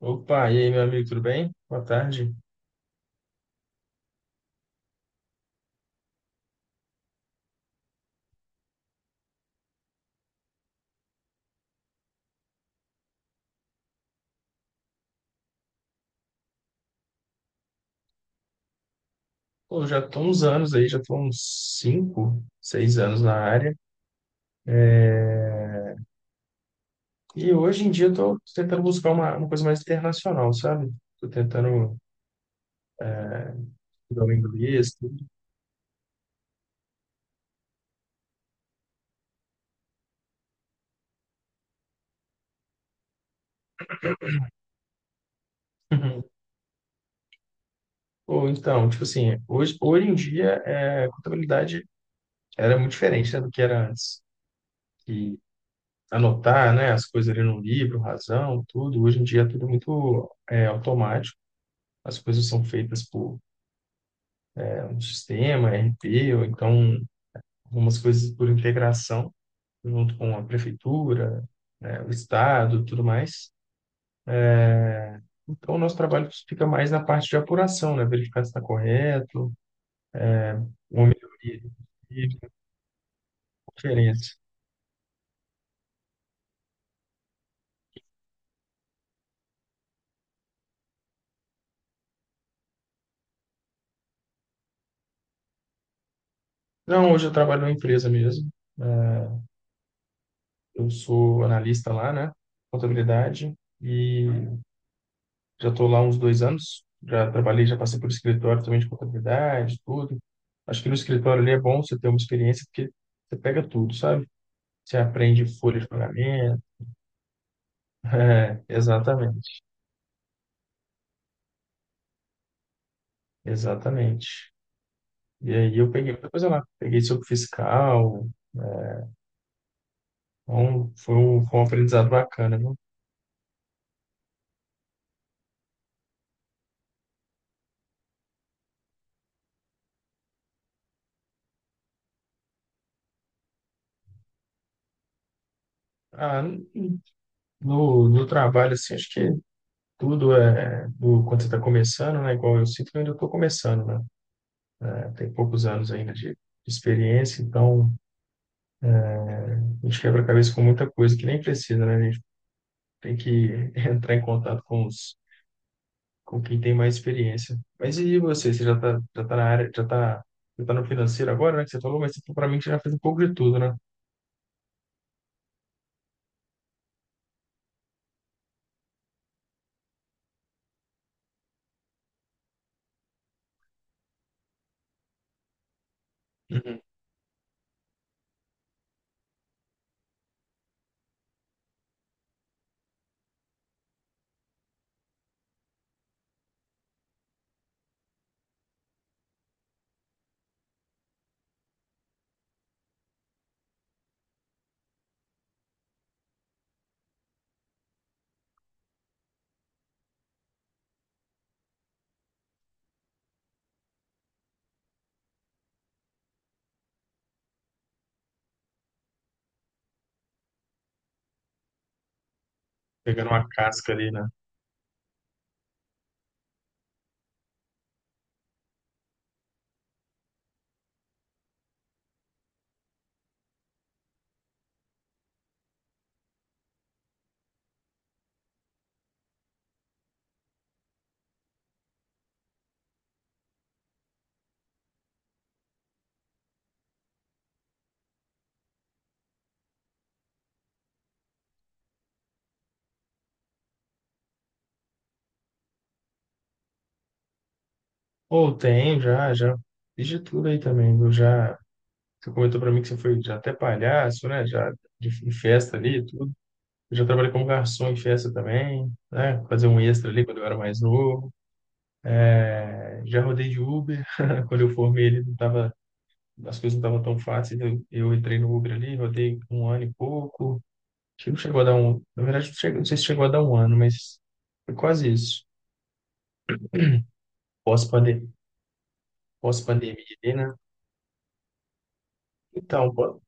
Opa, e aí, meu amigo, tudo bem? Boa tarde. Pô, eu já tô uns anos aí, já tô uns cinco, seis anos na área. E hoje em dia eu tô tentando buscar uma coisa mais internacional, sabe? Tô tentando estudar o inglês, tudo. Ou então, tipo assim, hoje em dia a contabilidade era muito diferente, né, do que era antes. E anotar, né, as coisas ali no livro, razão, tudo. Hoje em dia é tudo muito automático. As coisas são feitas por um sistema, RP, ou então algumas coisas por integração, junto com a prefeitura, né, o estado, tudo mais. Então, o nosso trabalho fica mais na parte de apuração, né? Verificar se está correto, uma melhoria e conferência. Não, hoje eu trabalho numa empresa mesmo. é, Eu sou analista lá, né? Contabilidade. E já estou lá há uns 2 anos. Já trabalhei, já passei por escritório também de contabilidade, tudo. Acho que no escritório ali é bom você ter uma experiência, porque você pega tudo, sabe? Você aprende folha de pagamento. É, exatamente, exatamente. E aí eu peguei muita coisa lá. Peguei sobre fiscal, então foi um aprendizado bacana, viu? Ah, no trabalho, assim, acho que tudo é do, quando você está começando, né? Igual eu sinto que eu ainda estou começando, né? É, tem poucos anos ainda de experiência, então a gente quebra a cabeça com muita coisa que nem precisa, né? A gente tem que entrar em contato com os com quem tem mais experiência. Mas e você? Você já tá na área, já tá no financeiro agora, né? Que você falou, mas você provavelmente já fez um pouco de tudo, né? Uhum. Pegando uma casca ali, né? Ou tem, já fiz de tudo aí também. Você comentou pra mim que você foi já até palhaço, né? Já de, em festa ali, e tudo. Eu já trabalhei como garçom em festa também, né? Fazer um extra ali quando eu era mais novo. Já rodei de Uber. Quando eu formei ele, não tava, as coisas não estavam tão fáceis. Eu entrei no Uber ali, rodei um ano e pouco. Acho que não chegou a dar um. Na verdade, não sei se chegou a dar um ano, mas foi quase isso. Pós-pandemia, pós-pandemia, ali, né? Então, pô.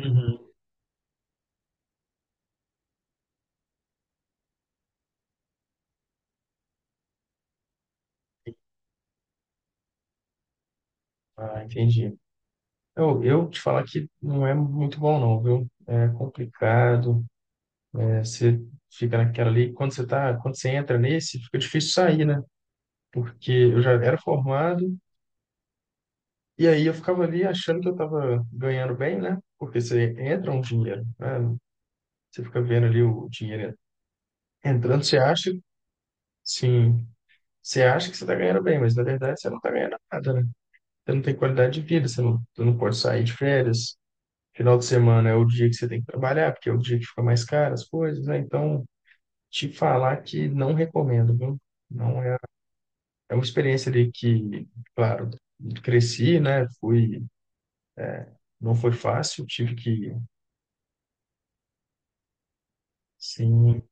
Uhum. Ah, entendi. Eu te falar que não é muito bom, não, viu? É complicado. Você fica naquela ali. Quando você entra nesse, fica difícil sair, né? Porque eu já era formado, e aí eu ficava ali achando que eu estava ganhando bem, né? Porque você entra um dinheiro, né? Você fica vendo ali o dinheiro entrando, você acha, sim. Você acha que você está ganhando bem, mas na verdade você não está ganhando nada, né? Você não tem qualidade de vida, você não pode sair de férias. Final de semana é o dia que você tem que trabalhar, porque é o dia que fica mais caro as coisas, né? Então, te falar que não recomendo, viu? Não é, é uma experiência ali que, claro, cresci, né? Fui, não foi fácil, sim,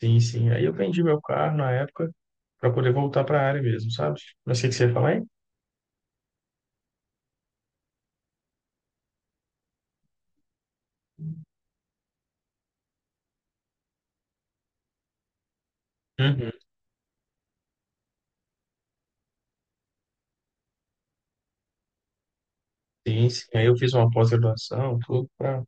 sim, sim. Aí eu vendi meu carro na época para poder voltar para a área mesmo, sabe? Mas o que que você ia falar aí? Uhum. Sim, sim. Aí eu fiz uma pós-graduação, tudo para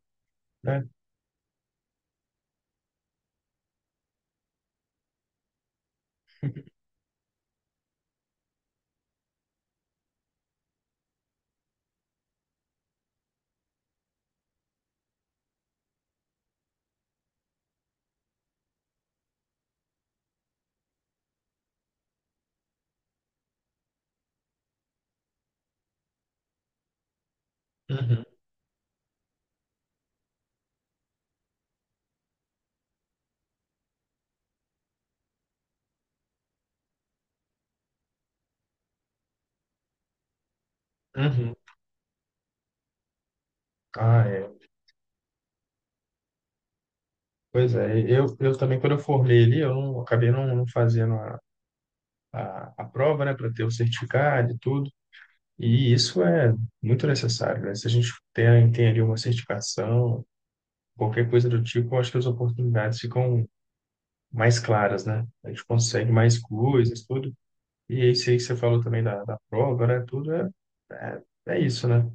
Uhum, uhum. Ah, é. Pois é, eu também, quando eu formei ali, eu não, acabei não fazendo a prova, né, para ter o certificado e tudo. E isso é muito necessário, né? Se a gente tem, tem ali uma certificação, qualquer coisa do tipo, eu acho que as oportunidades ficam mais claras, né? A gente consegue mais coisas, tudo. E isso aí que você falou também da prova, né? Tudo é, é, é isso, né?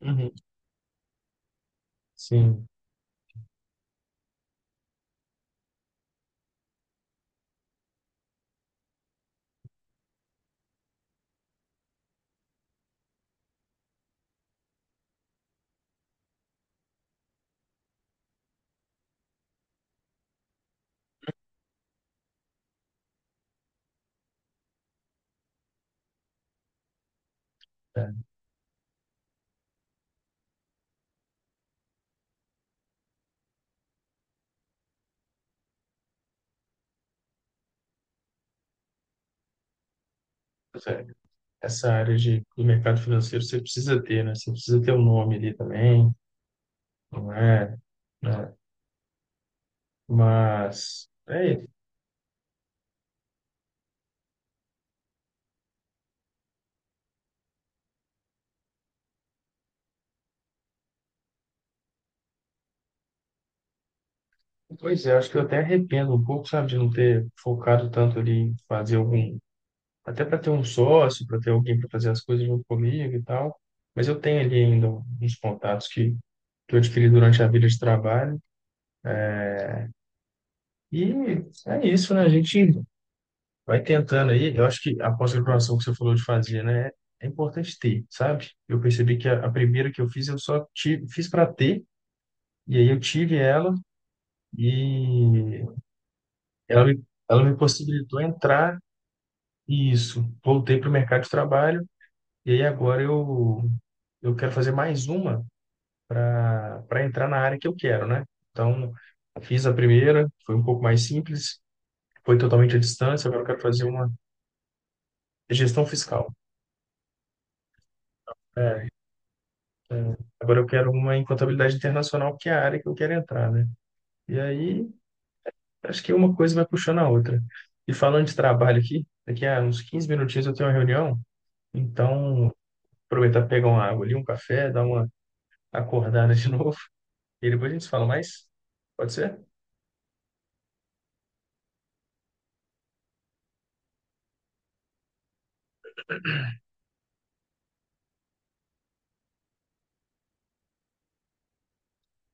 Uhum. Sim. É. Essa área do mercado financeiro você precisa ter, né? Você precisa ter um nome ali também, não é? Né? Mas, é, pois é, acho que eu até arrependo um pouco, sabe, de não ter focado tanto ali em fazer algum, até para ter um sócio, para ter alguém para fazer as coisas junto comigo e tal. Mas eu tenho ali ainda uns contatos que eu adquiri durante a vida de trabalho. E é isso, né? A gente vai tentando aí. Eu acho que a pós-graduação que você falou de fazer, né? É importante ter, sabe? Eu percebi que a primeira que eu fiz, eu só tive, fiz para ter, e aí eu tive ela, e ela me, ela me possibilitou entrar, e isso. Voltei para o mercado de trabalho, e aí eu quero fazer mais uma para para entrar na área que eu quero, né? Então, fiz a primeira, foi um pouco mais simples, foi totalmente à distância, agora eu quero fazer uma de gestão fiscal. É, é, agora eu quero uma em contabilidade internacional, que é a área que eu quero entrar, né? E aí, acho que uma coisa vai puxando a outra. E falando de trabalho aqui, daqui a uns 15 minutinhos eu tenho uma reunião, então aproveitar pra pegar uma água ali, um café, dar uma acordada de novo, e depois a gente se fala mais. Pode ser?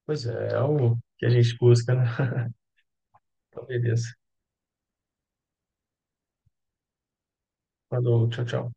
Pois é, é algo que a gente busca, né? Então, beleza. Falou, tchau, tchau.